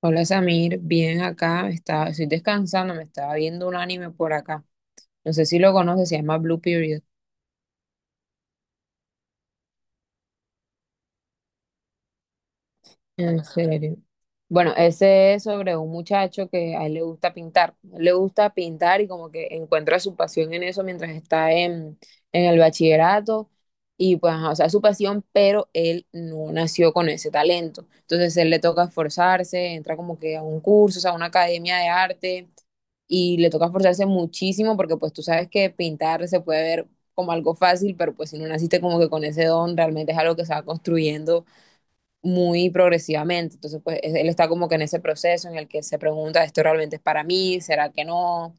Hola Samir, bien acá, estoy descansando, me estaba viendo un anime por acá. No sé si lo conoces, se llama Blue Period. En serio. Bueno, ese es sobre un muchacho que a él le gusta pintar. A él le gusta pintar y como que encuentra su pasión en eso mientras está en el bachillerato. Y pues, ajá, o sea, su pasión, pero él no nació con ese talento. Entonces, él le toca esforzarse, entra como que a un curso, o sea, a una academia de arte y le toca esforzarse muchísimo porque pues tú sabes que pintar se puede ver como algo fácil, pero pues si no naciste como que con ese don, realmente es algo que se va construyendo muy progresivamente. Entonces, pues él está como que en ese proceso en el que se pregunta, ¿esto realmente es para mí? ¿Será que no?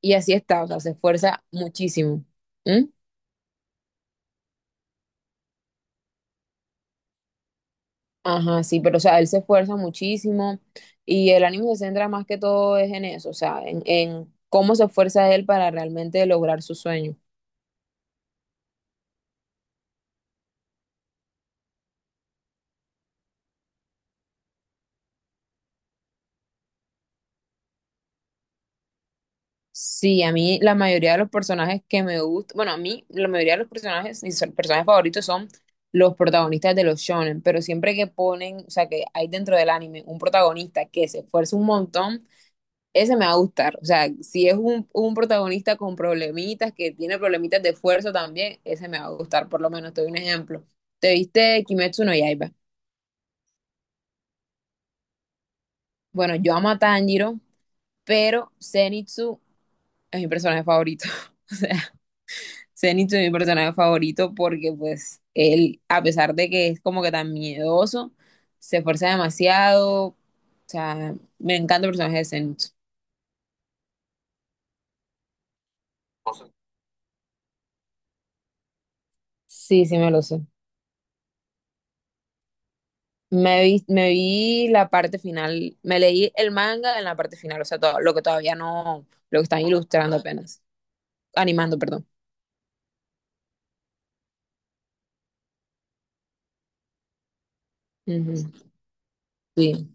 Y así está, o sea, se esfuerza muchísimo. ¿Mm? Ajá, sí, pero o sea, él se esfuerza muchísimo y el ánimo se centra más que todo es en eso, o sea, en cómo se esfuerza él para realmente lograr su sueño. Sí, a mí la mayoría de los personajes que me gustan, bueno, a mí la mayoría de los personajes, mis personajes favoritos son los protagonistas de los shonen, pero siempre que ponen, o sea, que hay dentro del anime un protagonista que se esfuerza un montón, ese me va a gustar. O sea, si es un protagonista con problemitas, que tiene problemitas de esfuerzo también, ese me va a gustar, por lo menos te doy un ejemplo. ¿Te viste Kimetsu no Yaiba? Bueno, yo amo a Tanjiro, pero Zenitsu es mi personaje favorito. O sea, Zenitsu es mi personaje favorito porque pues él, a pesar de que es como que tan miedoso, se esfuerza demasiado. O sea, me encanta el personaje de Zenitsu. Sí, sí, me lo sé. Me vi la parte final, me leí el manga en la parte final, o sea, todo, lo que todavía no, lo que están ilustrando apenas, animando, perdón. Ujú. Sí.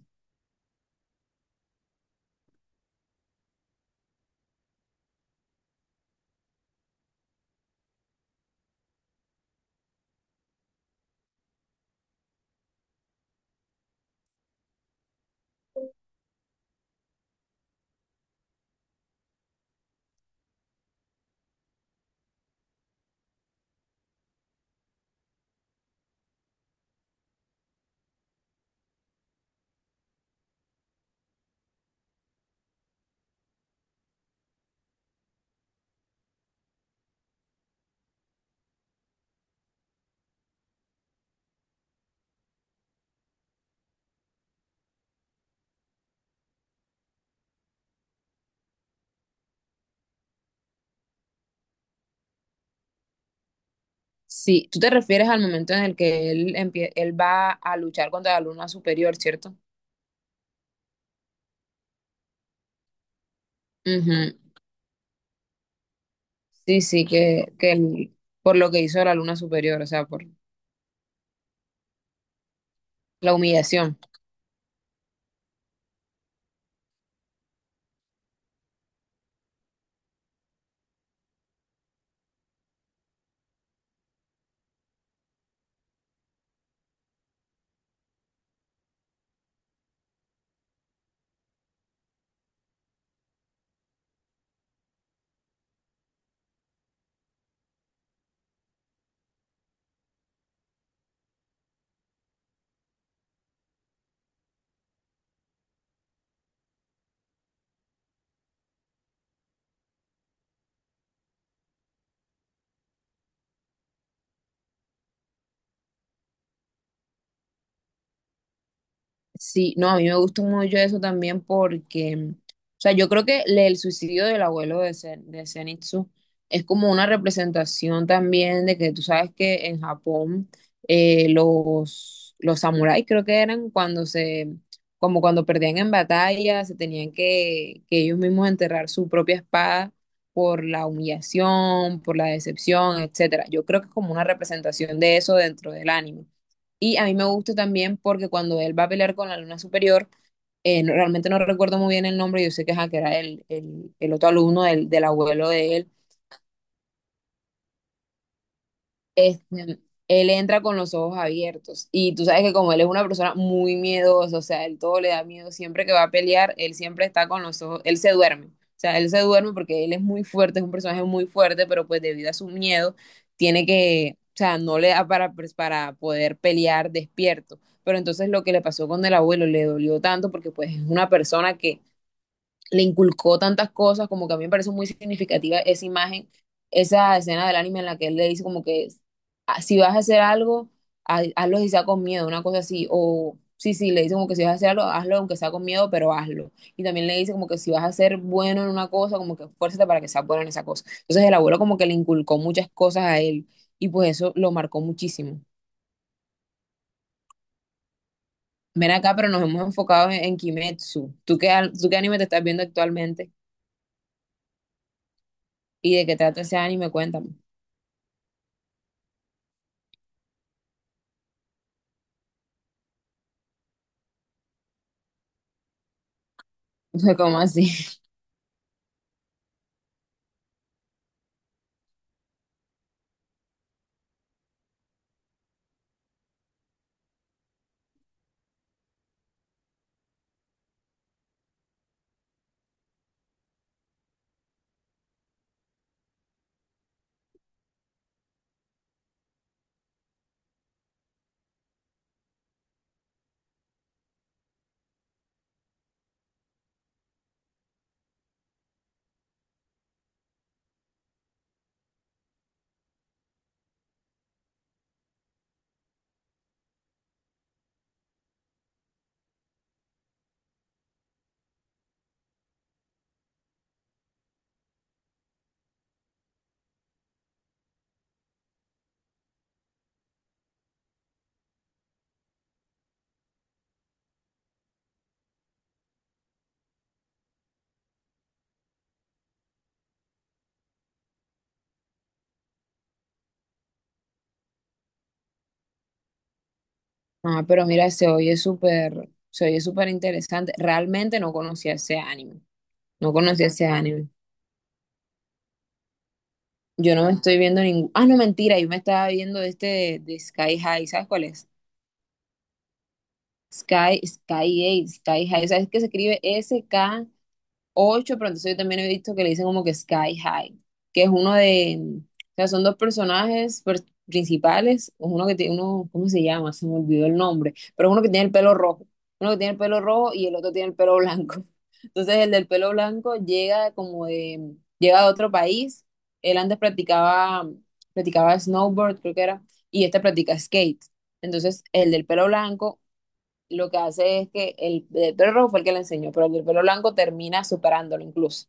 Sí, tú te refieres al momento en el que él, él va a luchar contra la luna superior, ¿cierto? Ujú. Sí, sí, por lo que hizo la luna superior, o sea, por la humillación. Sí, no, a mí me gusta mucho eso también porque, o sea, yo creo que el suicidio del abuelo de Zenitsu es como una representación también de que tú sabes que en Japón los samuráis creo que eran como cuando perdían en batalla, se tenían que ellos mismos enterrar su propia espada por la humillación, por la decepción, etcétera. Yo creo que es como una representación de eso dentro del anime. Y a mí me gusta también porque cuando él va a pelear con la luna superior, realmente no recuerdo muy bien el nombre, yo sé que, ajá, que era el otro alumno del abuelo de él este, él entra con los ojos abiertos. Y tú sabes que como él es una persona muy miedosa, o sea, él todo le da miedo, siempre que va a pelear, él siempre está con los ojos, él se duerme. O sea, él se duerme porque él es muy fuerte, es un personaje muy fuerte, pero pues debido a su miedo, tiene que, o sea, no le da para, pues, para poder pelear despierto. Pero entonces lo que le pasó con el abuelo le dolió tanto porque pues es una persona que le inculcó tantas cosas, como que a mí me parece muy significativa esa imagen, esa escena del anime en la que él le dice como que "Ah, si vas a hacer algo, hazlo y sea con miedo, una cosa así, o sí, sí, le dice como que si vas a hacer algo, hazlo aunque sea con miedo, pero hazlo. Y también le dice como que si vas a ser bueno en una cosa, como que esfuérzate para que seas bueno en esa cosa. Entonces el abuelo como que le inculcó muchas cosas a él y pues eso lo marcó muchísimo. Ven acá, pero nos hemos enfocado en Kimetsu. ¿Tú qué anime te estás viendo actualmente? ¿Y de qué trata ese anime? Cuéntame. Fue como así. Ah, pero mira, se oye súper interesante. Realmente no conocía ese anime. No conocía ese anime. Yo no me estoy viendo ningún. Ah, no, mentira, yo me estaba viendo este de, Sky High. ¿Sabes cuál es? Sky, Sky High, Sky High. ¿Sabes que se escribe 8, pero entonces yo también he visto que le dicen como que Sky High, que es uno de, o sea, son dos personajes principales, uno que tiene uno, ¿cómo se llama? Se me olvidó el nombre, pero es uno que tiene el pelo rojo y el otro tiene el pelo blanco. Entonces el del pelo blanco llega de otro país, él antes practicaba snowboard, creo que era, y este practica skate. Entonces el del pelo blanco lo que hace es que el pelo rojo fue el que le enseñó, pero el del pelo blanco termina superándolo incluso.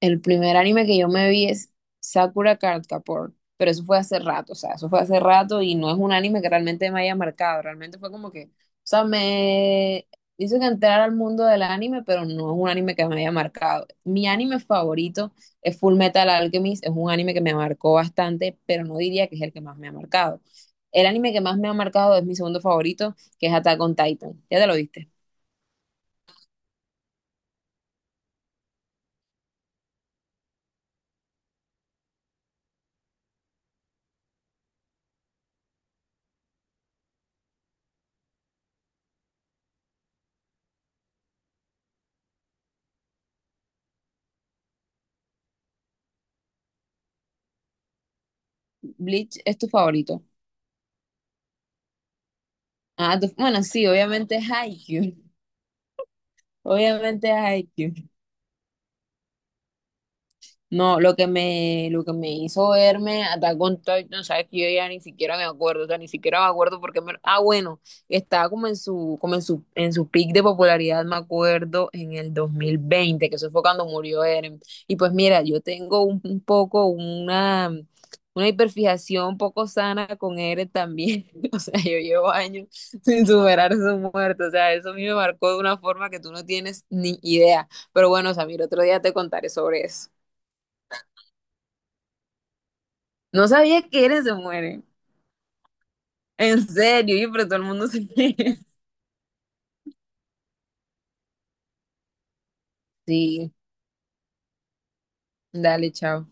El primer anime que yo me vi es Sakura Card Captor, pero eso fue hace rato, o sea, eso fue hace rato y no es un anime que realmente me haya marcado, realmente fue como que, o sea, me hizo que entrar al mundo del anime, pero no es un anime que me haya marcado. Mi anime favorito es Full Metal Alchemist, es un anime que me marcó bastante, pero no diría que es el que más me ha marcado. El anime que más me ha marcado es mi segundo favorito, que es Attack on Titan. Ya te lo viste. Bleach es tu favorito. Ah, bueno, sí, obviamente es Haikyuu. Obviamente es IQ. No, lo que me hizo verme Attack on Titan, sabes que yo ya ni siquiera me acuerdo, o sea, ni siquiera me acuerdo porque ah, bueno, estaba en su peak de popularidad, me acuerdo, en el 2020, que eso fue cuando murió Eren. Y pues mira, yo tengo un poco una hiperfijación poco sana con Eren también. O sea, yo llevo años sin superar su muerte. O sea, eso a mí me marcó de una forma que tú no tienes ni idea. Pero bueno, Samir, otro día te contaré sobre eso. No sabía que eres se muere. En serio, pero todo el mundo se muere. Sí, dale, chao.